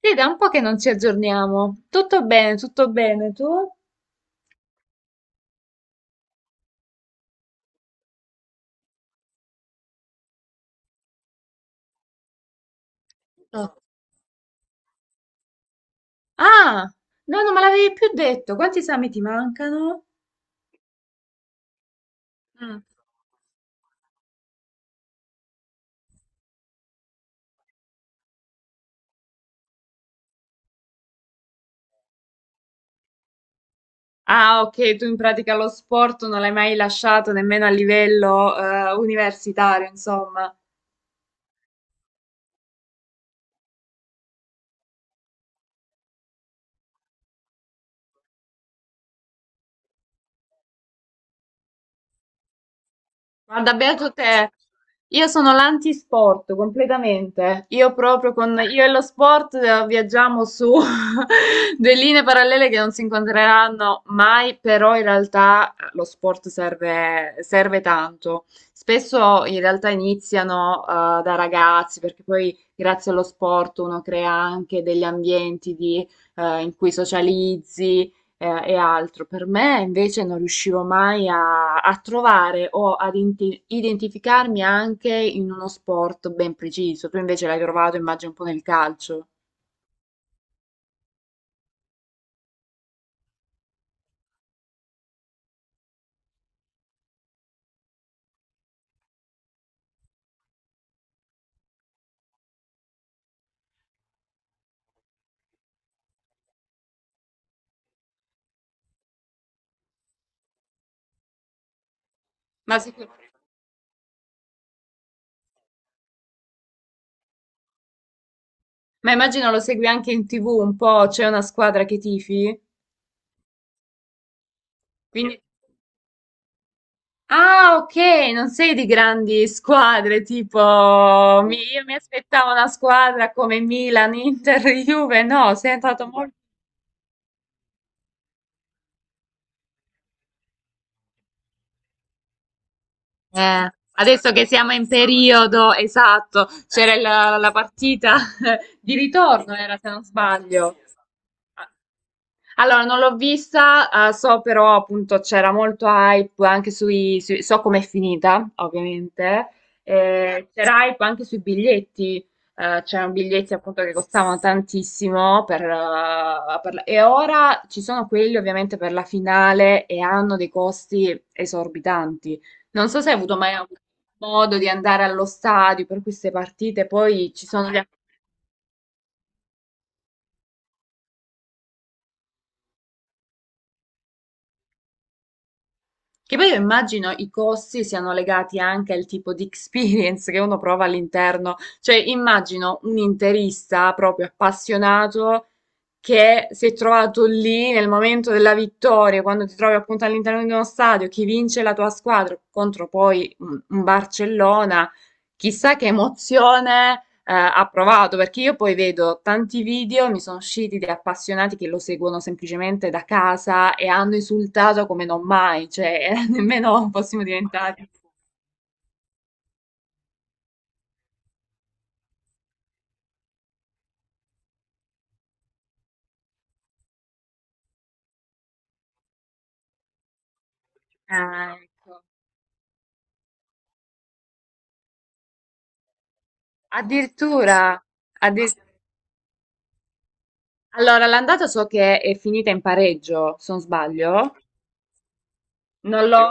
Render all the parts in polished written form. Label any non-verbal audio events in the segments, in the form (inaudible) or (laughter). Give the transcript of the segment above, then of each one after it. Sì, da un po' che non ci aggiorniamo. Tutto bene, tutto bene. Tu? Tutto. Ah, no, non me l'avevi più detto. Quanti esami ti mancano? Mm. Ah, ok, tu in pratica lo sport non l'hai mai lasciato nemmeno a livello universitario, insomma. Guarda, beato te. Io sono l'antisport completamente. Io proprio con io e lo sport viaggiamo su (laughs) due linee parallele che non si incontreranno mai, però in realtà lo sport serve, serve tanto. Spesso in realtà iniziano da ragazzi, perché poi grazie allo sport uno crea anche degli ambienti di, in cui socializzi, e, e altro. Per me invece non riuscivo mai a, a trovare o ad identificarmi anche in uno sport ben preciso. Tu invece l'hai trovato, immagino, un po' nel calcio. Ma, sicur- ma immagino lo segui anche in TV un po', c'è una squadra che tifi? Quindi... Ah, ok, non sei di grandi squadre, tipo io mi aspettavo una squadra come Milan, Inter, (laughs) Juve, no, sei andato molto... Eh, adesso che siamo in periodo, esatto, c'era la, la partita (laughs) di ritorno, era se non sbaglio. Allora, non l'ho vista, so però appunto c'era molto hype anche sui, so com'è finita, ovviamente, c'era hype anche sui biglietti, c'erano biglietti appunto che costavano tantissimo per e ora ci sono quelli ovviamente per la finale e hanno dei costi esorbitanti. Non so se hai avuto mai modo di andare allo stadio per queste partite, poi ci sono gli Che poi io immagino i costi siano legati anche al tipo di experience che uno prova all'interno, cioè immagino un interista proprio appassionato che si è trovato lì nel momento della vittoria, quando ti trovi appunto all'interno di uno stadio, chi vince la tua squadra contro poi un Barcellona, chissà che emozione ha provato, perché io poi vedo tanti video, mi sono usciti di appassionati che lo seguono semplicemente da casa e hanno insultato come non mai, cioè (laughs) nemmeno fossimo diventati. Ah, ecco. Addirittura, addir- allora l'andata so che è finita in pareggio, se non sbaglio. Non l'ho.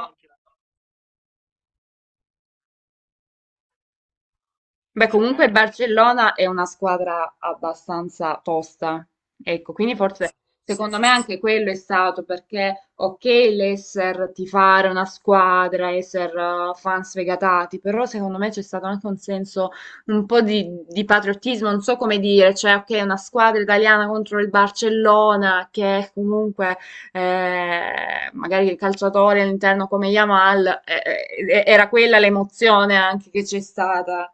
Beh, comunque il Barcellona è una squadra abbastanza tosta, ecco, quindi forse secondo me anche quello è stato perché, ok, l'esser tifare una squadra, esser fan sfegatati, però secondo me c'è stato anche un senso un po' di patriottismo, non so come dire, cioè, ok, una squadra italiana contro il Barcellona che comunque magari il calciatore all'interno come Yamal, era quella l'emozione anche che c'è stata.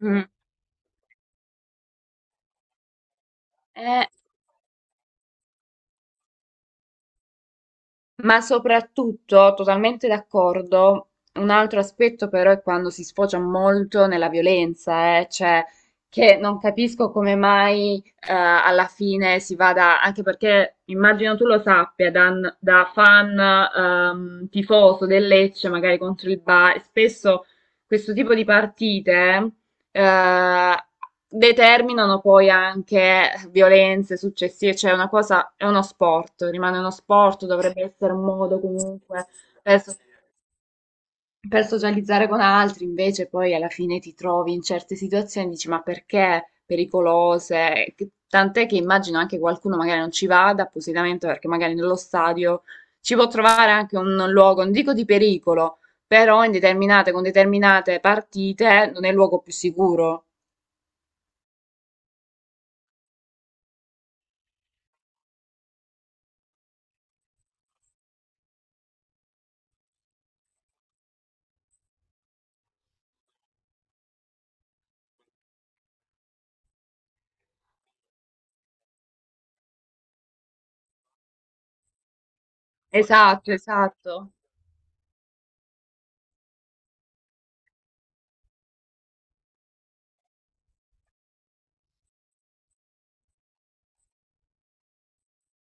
Mm. Eh, ma soprattutto, totalmente d'accordo, un altro aspetto però è quando si sfocia molto nella violenza, cioè che non capisco come mai alla fine si vada, anche perché immagino tu lo sappia, da, da fan tifoso del Lecce, magari contro il Bari, spesso questo tipo di partite eh, determinano poi anche violenze successive, cioè è una cosa, è uno sport, rimane uno sport, dovrebbe essere un modo comunque per, per socializzare con altri, invece poi alla fine ti trovi in certe situazioni, dici ma perché pericolose? Tant'è che immagino anche qualcuno magari non ci vada appositamente perché magari nello stadio ci può trovare anche un luogo, non dico di pericolo, però in determinate, con determinate partite non è il luogo più sicuro. Esatto, esatto.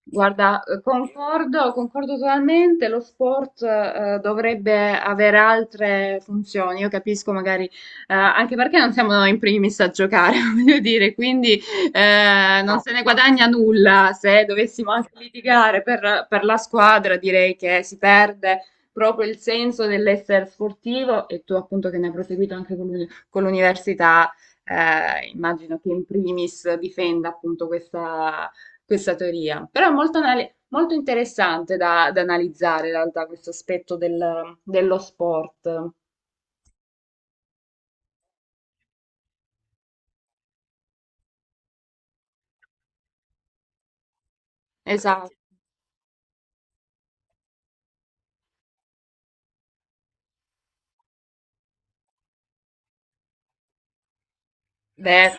Guarda, concordo, concordo totalmente, lo sport dovrebbe avere altre funzioni, io capisco magari, anche perché non siamo in primis a giocare, (laughs) voglio dire, quindi non No. se ne guadagna nulla se dovessimo anche litigare per la squadra, direi che si perde proprio il senso dell'essere sportivo e tu appunto che ne hai proseguito anche con con l'università, immagino che in primis difenda appunto questa questa teoria, però è molto, molto interessante da, da analizzare in realtà questo aspetto dello sport. Esatto. Beh,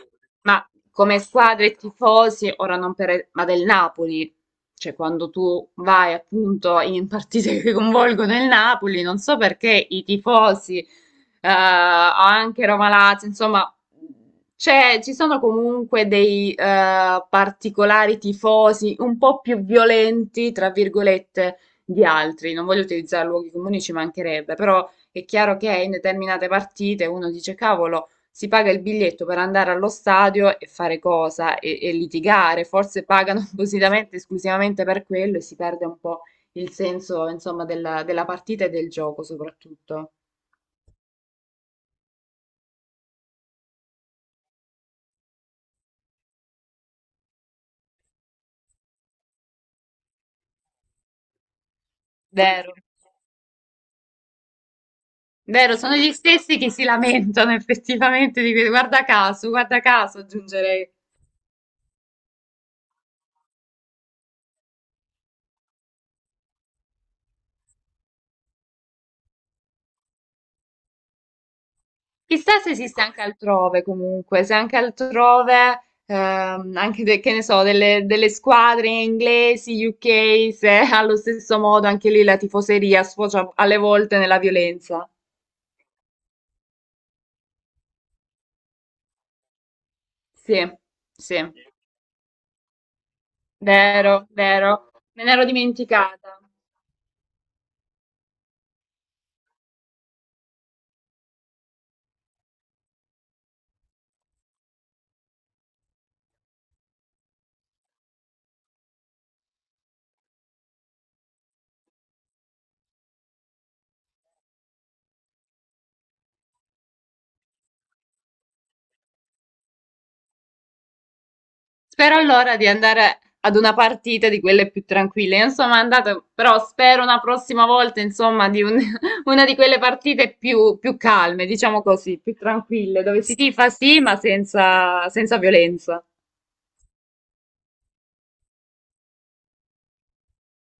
ma come squadre tifosi, ora non per, ma del Napoli, cioè quando tu vai appunto in partite (laughs) che coinvolgono il Napoli, non so perché i tifosi, anche Roma Lazio, insomma, ci sono comunque dei particolari tifosi un po' più violenti, tra virgolette, di altri. Non voglio utilizzare luoghi comuni, ci mancherebbe, però è chiaro che in determinate partite uno dice, cavolo si paga il biglietto per andare allo stadio e fare cosa? E litigare, forse pagano (laughs) appositamente, esclusivamente per quello e si perde un po' il senso, insomma, della, della partita e del gioco soprattutto. Vero. Vero, sono gli stessi che si lamentano effettivamente di guarda caso, aggiungerei. Chissà se esiste anche altrove comunque, se anche altrove, anche che ne so, delle, delle squadre inglesi, UK, se (laughs) allo stesso modo anche lì la tifoseria sfocia alle volte nella violenza. Sì, sì, vero, vero, me ne ero dimenticata. Spero allora di andare ad una partita di quelle più tranquille. Non sono andata, però spero una prossima volta, insomma, di (laughs) una di quelle partite più, più calme, diciamo così, più tranquille, dove si tifa sì, ma senza, senza violenza.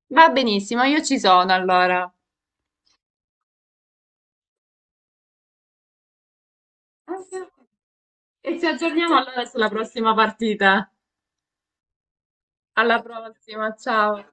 Va benissimo, io ci sono allora. Ah, sì. E ci aggiorniamo allora sulla prossima partita. Alla prossima, ciao.